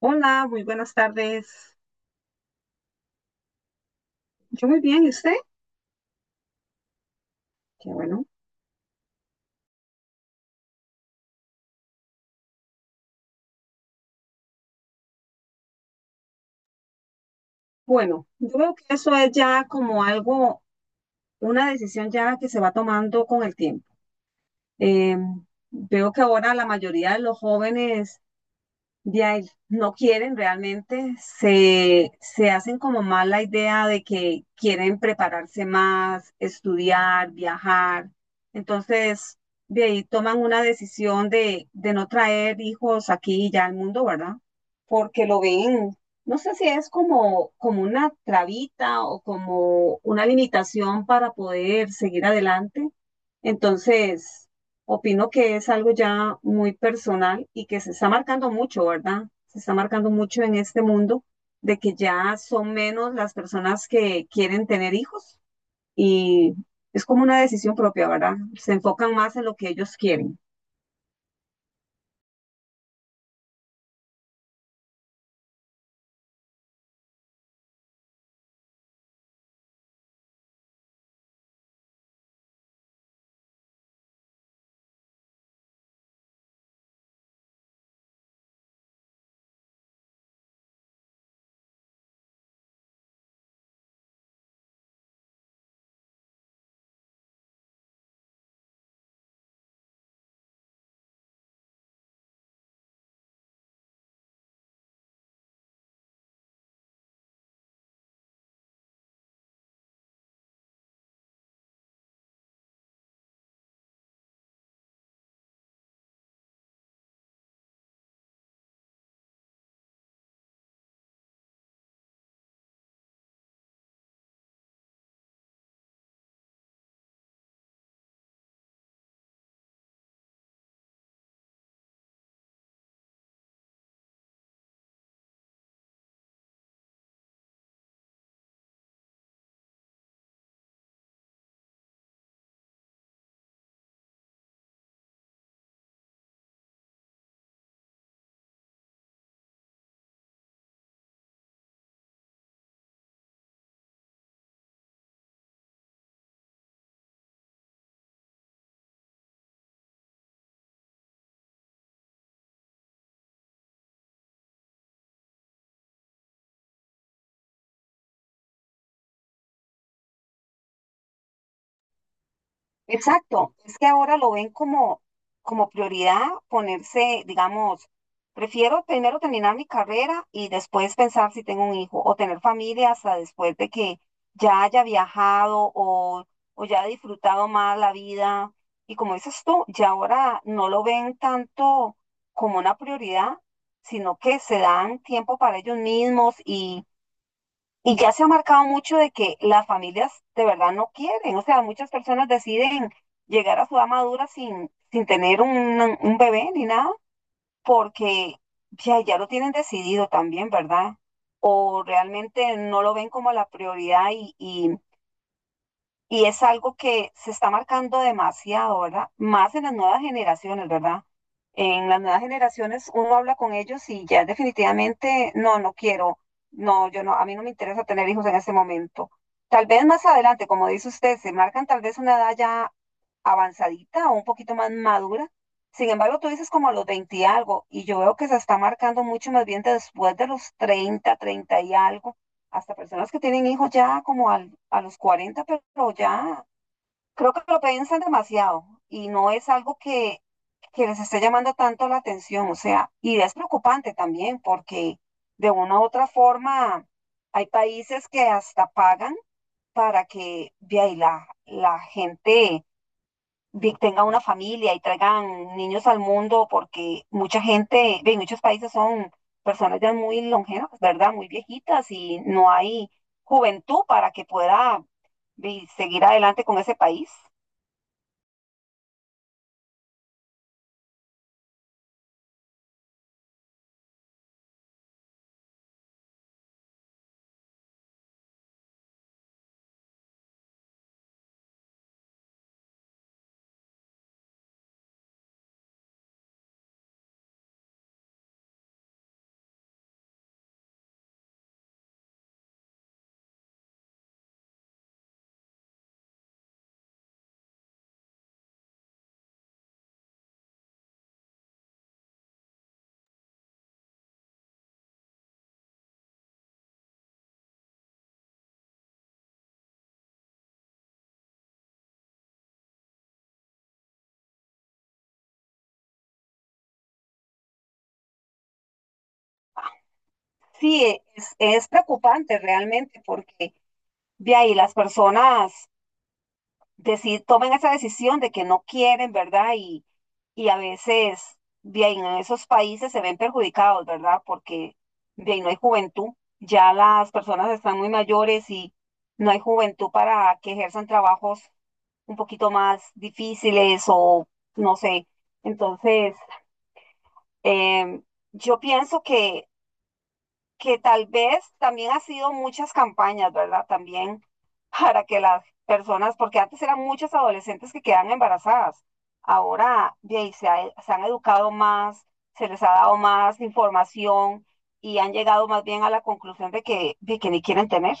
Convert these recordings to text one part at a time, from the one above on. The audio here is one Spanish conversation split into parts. Hola, muy buenas tardes. Yo muy bien, ¿y usted? Qué bueno. Bueno, yo creo que eso es ya como algo, una decisión ya que se va tomando con el tiempo. Eh, Veo que ahora la mayoría de los jóvenes de ahí no quieren realmente, se hacen como más la idea de que quieren prepararse más, estudiar, viajar. Entonces, de ahí toman una decisión de no traer hijos aquí y ya al mundo, ¿verdad? Porque lo ven, no sé si es como, como una trabita o como una limitación para poder seguir adelante entonces, opino que es algo ya muy personal y que se está marcando mucho, ¿verdad? Se está marcando mucho en este mundo de que ya son menos las personas que quieren tener hijos y es como una decisión propia, ¿verdad? Se enfocan más en lo que ellos quieren. Exacto, es que ahora lo ven como, como prioridad ponerse, digamos, prefiero primero terminar mi carrera y después pensar si tengo un hijo o tener familia hasta después de que ya haya viajado o ya haya disfrutado más la vida. Y como dices tú, ya ahora no lo ven tanto como una prioridad, sino que se dan tiempo para ellos mismos y ya se ha marcado mucho de que las familias de verdad no quieren, o sea, muchas personas deciden llegar a su edad madura sin, sin tener un bebé ni nada, porque ya lo tienen decidido también, ¿verdad? O realmente no lo ven como la prioridad y y es algo que se está marcando demasiado, ¿verdad? Más en las nuevas generaciones, ¿verdad? En las nuevas generaciones uno habla con ellos y ya definitivamente, no, no quiero, no, yo no, a mí no me interesa tener hijos en este momento. Tal vez más adelante, como dice usted, se marcan tal vez una edad ya avanzadita o un poquito más madura. Sin embargo, tú dices como a los 20 y algo, y yo veo que se está marcando mucho más bien después de los 30, 30 y algo hasta personas que tienen hijos ya como a los 40 pero ya creo que lo piensan demasiado y no es algo que les esté llamando tanto la atención, o sea, y es preocupante también porque de una u otra forma hay países que hasta pagan para que vea, y la gente tengan una familia y traigan niños al mundo, porque mucha gente, ve, en muchos países son personas ya muy longevas, ¿verdad? Muy viejitas y no hay juventud para que pueda ve, seguir adelante con ese país. Sí, es preocupante realmente porque ve ahí las personas tomen esa decisión de que no quieren, ¿verdad? Y a veces, bien, en esos países se ven perjudicados, ¿verdad? Porque, bien, no hay juventud, ya las personas están muy mayores y no hay juventud para que ejerzan trabajos un poquito más difíciles o, no sé. Entonces, em, yo pienso que tal vez también ha sido muchas campañas, ¿verdad? También para que las personas, porque antes eran muchas adolescentes que quedan embarazadas, ahora de ahí, se han educado más, se les ha dado más información y han llegado más bien a la conclusión de que ni quieren tener.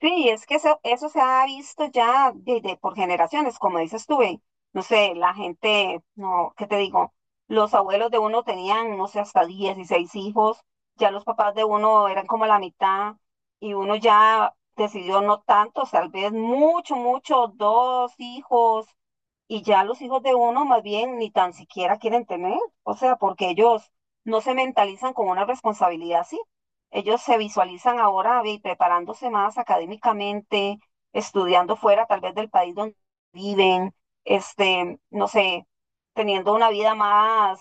Sí, es que eso se ha visto ya por generaciones, como dices tú, ve, no sé, la gente, no, ¿qué te digo? Los abuelos de uno tenían, no sé, hasta 16 hijos, ya los papás de uno eran como la mitad y uno ya decidió no tantos, tal vez mucho, dos hijos, y ya los hijos de uno más bien ni tan siquiera quieren tener, o sea, porque ellos no se mentalizan con una responsabilidad así. Ellos se visualizan ahora ve, preparándose más académicamente, estudiando fuera tal vez del país donde viven, este, no sé, teniendo una vida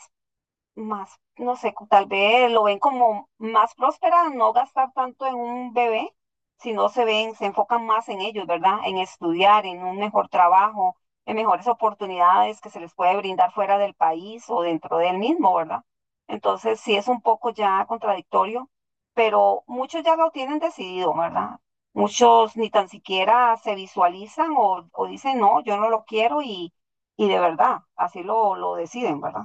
más, no sé, tal vez lo ven como más próspera, no gastar tanto en un bebé, sino se ven, se enfocan más en ellos, ¿verdad? En estudiar, en un mejor trabajo, en mejores oportunidades que se les puede brindar fuera del país o dentro del mismo, ¿verdad? Entonces, sí es un poco ya contradictorio, pero muchos ya lo tienen decidido, ¿verdad? Muchos ni tan siquiera se visualizan o dicen, no, yo no lo quiero y de verdad, así lo deciden, ¿verdad?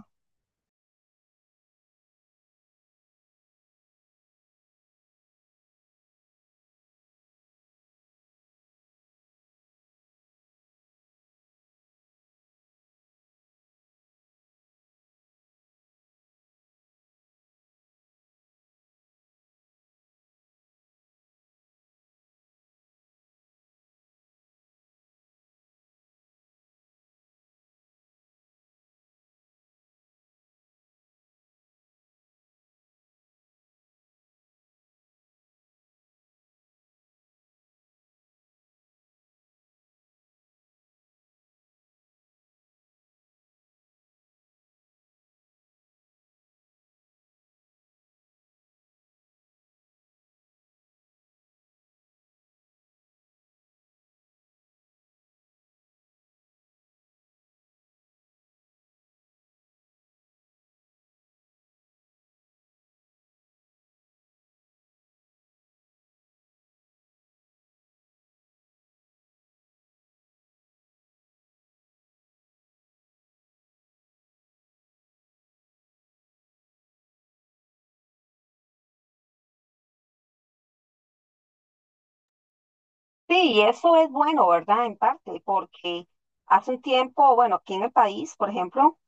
Sí, y eso es bueno, ¿verdad? En parte, porque hace un tiempo, bueno, aquí en el país, por ejemplo,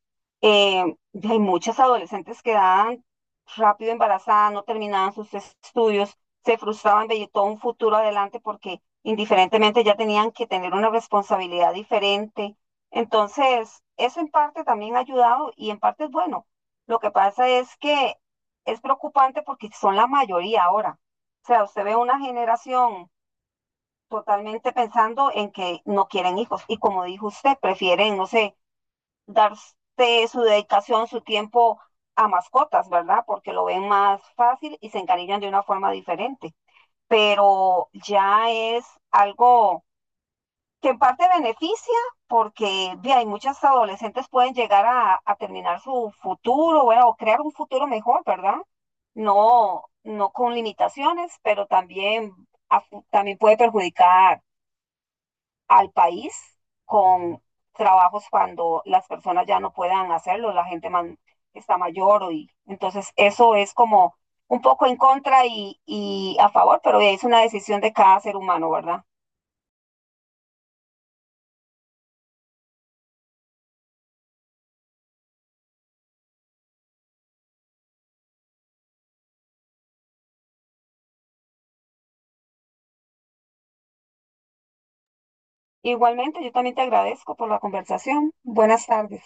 eh, hay muchas adolescentes que quedaban rápido embarazadas, no terminaban sus estudios, se frustraban, veía todo un futuro adelante porque indiferentemente ya tenían que tener una responsabilidad diferente. Entonces, eso en parte también ha ayudado y en parte es bueno. Lo que pasa es que es preocupante porque son la mayoría ahora. O sea, usted ve una generación totalmente pensando en que no quieren hijos y como dijo usted, prefieren, no sé, darse su dedicación, su tiempo a mascotas, ¿verdad? Porque lo ven más fácil y se encariñan de una forma diferente. Pero ya es algo que en parte beneficia porque bien, hay muchas adolescentes pueden llegar a terminar su futuro, bueno, o crear un futuro mejor, ¿verdad? No, no con limitaciones, pero también, también puede perjudicar al país con trabajos cuando las personas ya no puedan hacerlo, la gente está mayor o y entonces eso es como un poco en contra y a favor, pero es una decisión de cada ser humano, ¿verdad? Igualmente, yo también te agradezco por la conversación. Buenas tardes.